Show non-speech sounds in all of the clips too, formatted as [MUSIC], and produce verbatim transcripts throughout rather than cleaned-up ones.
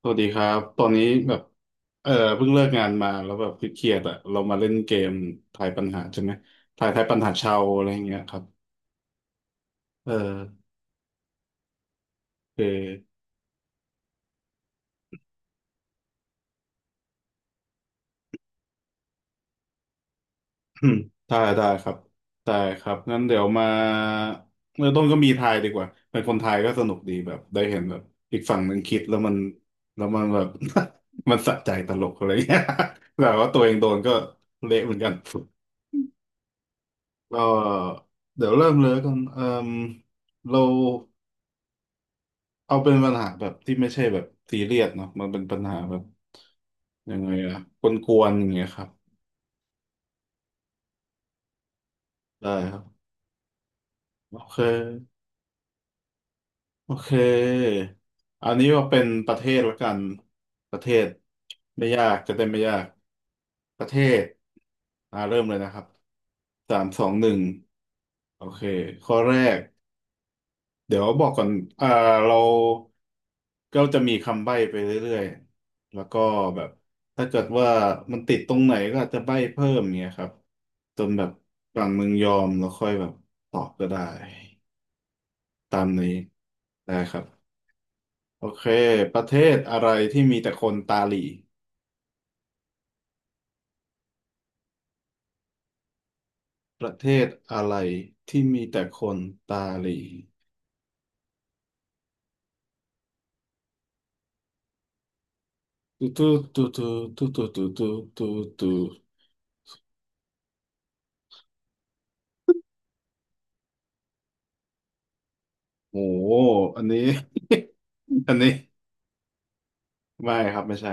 สวัสดีครับตอนนี้แบบเออเพิ่งเลิกงานมาแล้วแบบเครียดๆอะเรามาเล่นเกมทายปัญหาใช่ไหมทายทายปัญหาชาวอะไรอย่างเงี้ยครับเออโอเค [COUGHS] [CLEARS THROAT] ได้ได้ครับได้ครับงั้นเดี๋ยวมาเริ่มต้นก็มีทายดีกว่าเป็นคนไทยก็สนุกดีแบบได้เห็นแบบอีกฝั่งหนึ่งคิดแล้วมันแล้วมันแบบ [LAUGHS] มันสะใจตลกอะไรเงี้ย [LAUGHS] แบบว่าตัวเองโดนก็เละเหมือนกันก็เดี๋ยวเริ่มเลยแล้วกันเอมเรา เอาเป็นปัญหาแบบที่ไม่ใช่แบบซีเรียสเนาะมันเป็นปัญหาแบบยังไงอะกวนๆอย่างเงี้ยครับได้ครับโอเคโอเคอันนี้ว่าเป็นประเทศละกันประเทศไม่ยากจะได้ไม่ยากประเทศอ่าเริ่มเลยนะครับสามสองหนึ่งโอเคข้อแรกเดี๋ยวบอกก่อนอ่าเรา ก็จะมีคำใบ้ไปเรื่อยๆแล้วก็แบบถ้าเกิดว่ามันติดตรงไหนก็อาจจะใบ้เพิ่มเงี้ยครับจนแบบฝั่งมึงยอมแล้วค่อยแบบตอบก็ได้ตามนี้ได้ครับโอเคประเทศอะไรที่มีแต่คนตาหลีประเทศอะไรที่มีแต่คนตาหลีตูตูตูตูตูตูตูตูตูตูโอ้โหอันนี้ [LAUGHS] อันนี้ไม่ครับไม่ใช่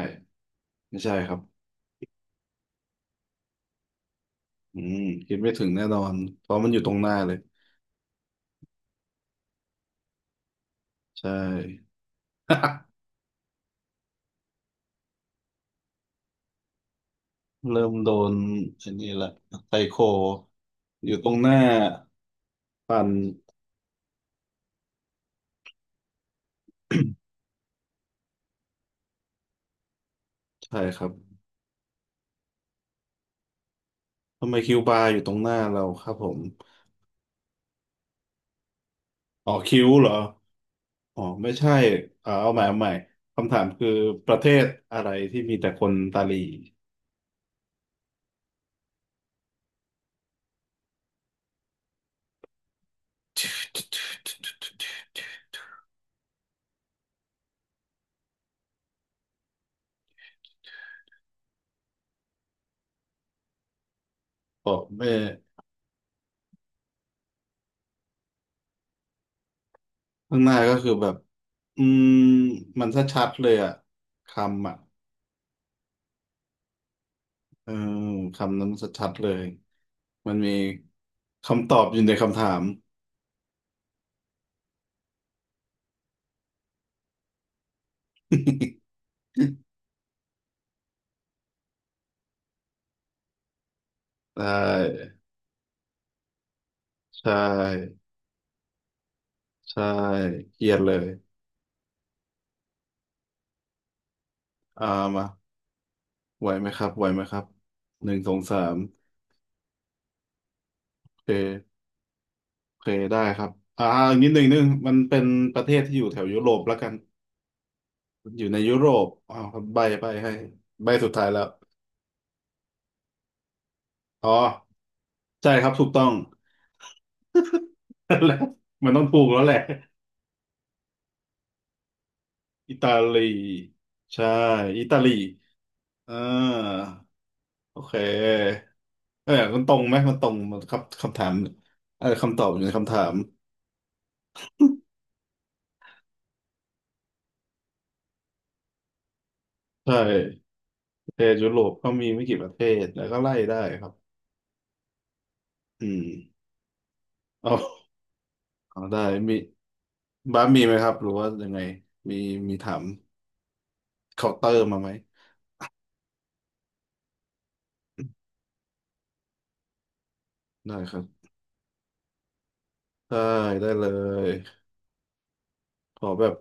ไม่ใช่ครับ อืมคิดไม่ถึงแน่นอนเพราะมันอยู่ตรงหน้าเลยใช่ [LAUGHS] เริ่มโดนไอันนี้ละไซโคอยู่ตรงหน้าปันใช่ครับทำไมคิวบาร์อยู่ตรงหน้าเราครับผมอ๋อคิวเหรออ๋อไม่ใช่อ่าเอาใหม่เอาใหม่คำถามคือประเทศอะไรที่มีแต่คนตาหลีบอกแม่ข้างหน้าก็คือแบบอืมมันชัดๆเลยอะคำอะ เออคำนั้นชัดๆเลย มันมีคำตอบอยู่ในคำถาม [LAUGHS] ใช่ใช่ใช่เกลียดเลยอ่ามาไหวไหมครับไหวไหมครับหนึ่งสองสามโอเคโอเคได้ครับอ่าอีกนิดหนึ่งนดนึงมันเป็นประเทศที่อยู่แถวยุโรปแล้วกันอยู่ในยุโรปอ้าวครับใบใบให้ใบสุดท้ายแล้วอ๋อใช่ครับถูกต้อง [LAUGHS] แล้วมันต้องถูกแล้วแหละอิตาลีใช่อิตาลี อ่าโอเคเออมันตรงไหมมันตรงมันคำคำถามเออคำตอบอยู่ในคำถามใช่ประเทศยุโรปก็มีไม่กี่ประเทศแล้วก็ไล่ได้ครับอืมเอาเอาได้มีบ้านมีไหมครับหรือว่ายังไงมีมีถามเคาน์เตอร์มาไหมได้ครับได้ได้เลยขอแบบ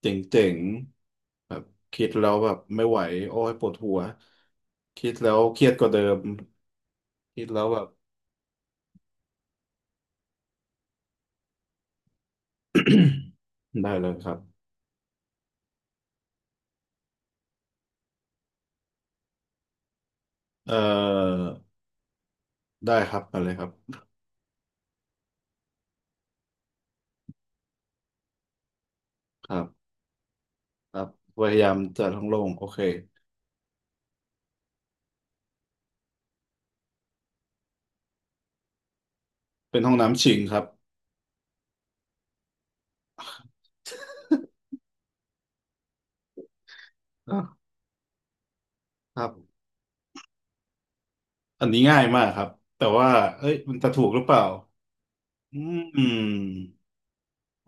เจ๋งๆแบบคิดแล้วแบบไม่ไหวโอ้ยปวดหัวคิดแล้วเครียดกว่าเดิมคิดแล้วแบบ [COUGHS] ได้เลยครับเอ่อได้ครับมาเลยครับครับครับพยายามจะท้องโล่งโอเค เป็นห้องน้ำชิงครับอ่ะครับอันนี้ง่ายมากครับแต่ว่าเอ้ยมันจะถูกหรือเปล่าอืม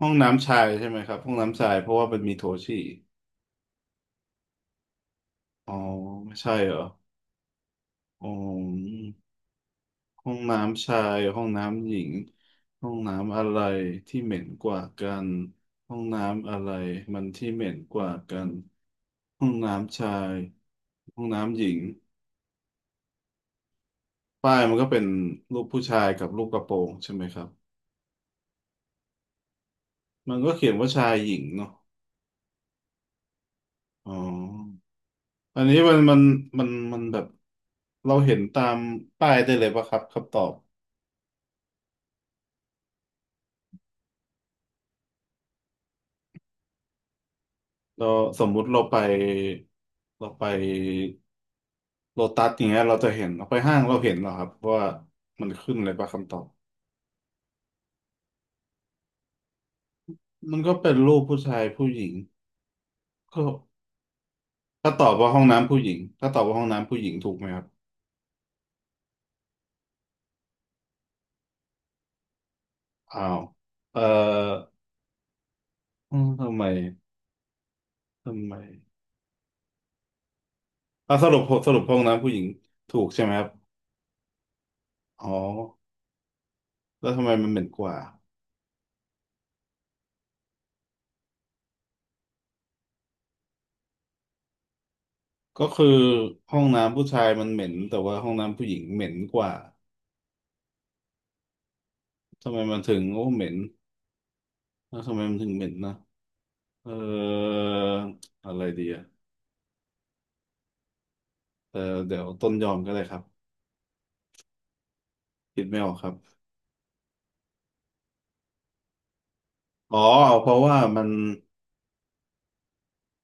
ห้องน้ำชายใช่ไหมครับ ห้องน้ำชายเพราะว่ามันมีโถฉี่อ๋อไม่ใช่เหรออ๋อ ห้องน้ำชายห้องน้ำหญิงห้องน้ำอะไรที่เหม็นกว่ากันห้องน้ำอะไรมันที่เหม็นกว่ากันห้องน้ำชายห้องน้ำหญิงป้ายมันก็เป็นรูปผู้ชายกับรูปกระโปรงใช่ไหมครับมันก็เขียนว่าชายหญิงเนาะอ๋ออันนี้มันมันมันมันแบบเราเห็นตามป้ายได้เลยปะครับคำตอบเราสมมุติเราไปเราไป โลตัสอย่างเงี้ยเราจะเห็นเราไปห้างเราเห็นเหรอครับว่ามันขึ้นอะไรปะคำตอบมันก็เป็นรูปผู้ชายผู้หญิงก็ถ้าตอบว่าห้องน้ำผู้หญิงถ้าตอบว่าห้องน้ำผู้หญิงถูกไหมครับอ้าวเอ่ออืมทำไมทำไมอ่ะสรุปสรุปห้องน้ำผู้หญิงถูกใช่ไหมครับอ๋อแล้วทำไมมันเหม็นกว่าก็คือห้องน้ำผู้ชายมันเหม็นแต่ว่าห้องน้ำผู้หญิงเหม็นกว่าทำไมมันถึงโอ้เหม็นแล้วทำไมมันถึงเหม็นนะเอออะไรดีอะ เออเดี๋ยวต้นยอมก็ได้ครับคิดไม่ออกครับอ๋อเพราะว่ามัน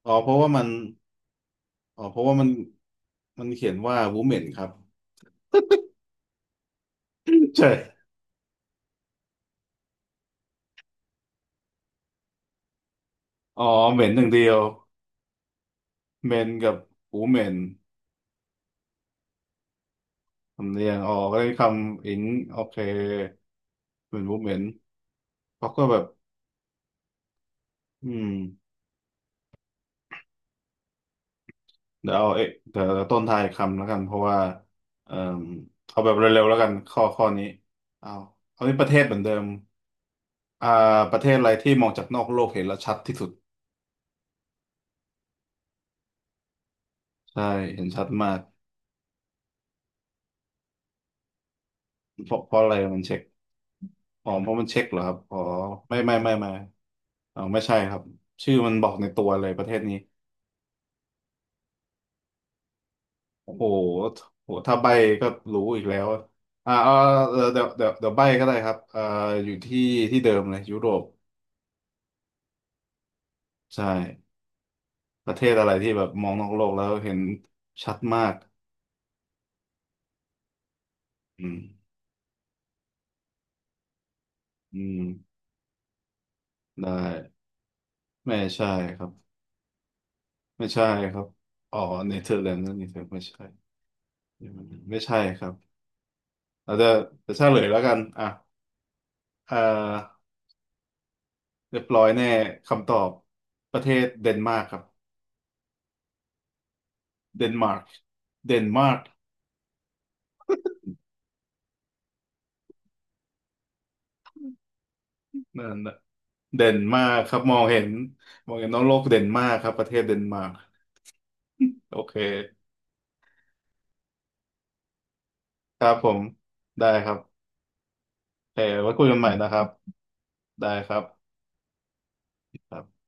อ๋อเพราะว่ามันอ๋อเพราะว่ามันมันเขียนว่าวูเมนครับ [LAUGHS] ใช่อ๋อเหม็นหนึ่างเดียวเมนกับวูเมนสำเนียงอ๋อก็ได้คำอิงโอเคเป็นวูเมนเขาก็แบบอืมเดี๋ยวเอาเอ๊ะเดี๋ยวต้นทายคำแล้วกันเพราะว่าเอ่อเอาแบบเร็วๆแล้วกันข้อข้อนี้เอาเอาที่ประเทศเหมือนเดิมอ่าประเทศอะไรที่มองจากนอกโลกเห็นแล้วชัดที่สุด ใช่เห็นชัดมากเพราะเพราะอะไรมันเช็คอ๋อเพราะมันเช็คเหรอครับอ๋อไม่ไม่ไม่ไม่อ๋อไม่ใช่ครับชื่อมันบอกในตัวเลยประเทศนี้โอ้โหโอ้โหถ้าใบ้ก็รู้อีกแล้วอะอ่าเอาเอาเดี๋ยวเดี๋ยวเดี๋ยวใบ้ก็ได้ครับอ่าอยู่ที่ที่เดิมเลยยุโรปใช่ประเทศอะไรที่แบบมองนอกโลกแล้วเห็นชัดมากอืมอืมได้ไม่ใช่ครับไม่ใช่ครับอ๋อเนเธอร์แลนด์นั่นเองไม่ใช่ไม่ใช่ครับ เราจะจะเฉลยแล้วกันอ่ะเอ่อเรียบร้อยแน่คำตอบประเทศเดนมาร์กครับเดนมาร์กเดนมาร์กนั่นน่ะเดนมาร์กครับมองเห็นมองเห็นน้องโลกเดนมาร์กครับประเทศเดนมาร์กโอเคครับผมได้ครับโอเคไว้คุยกันใหม่นะครับได้ครับครับ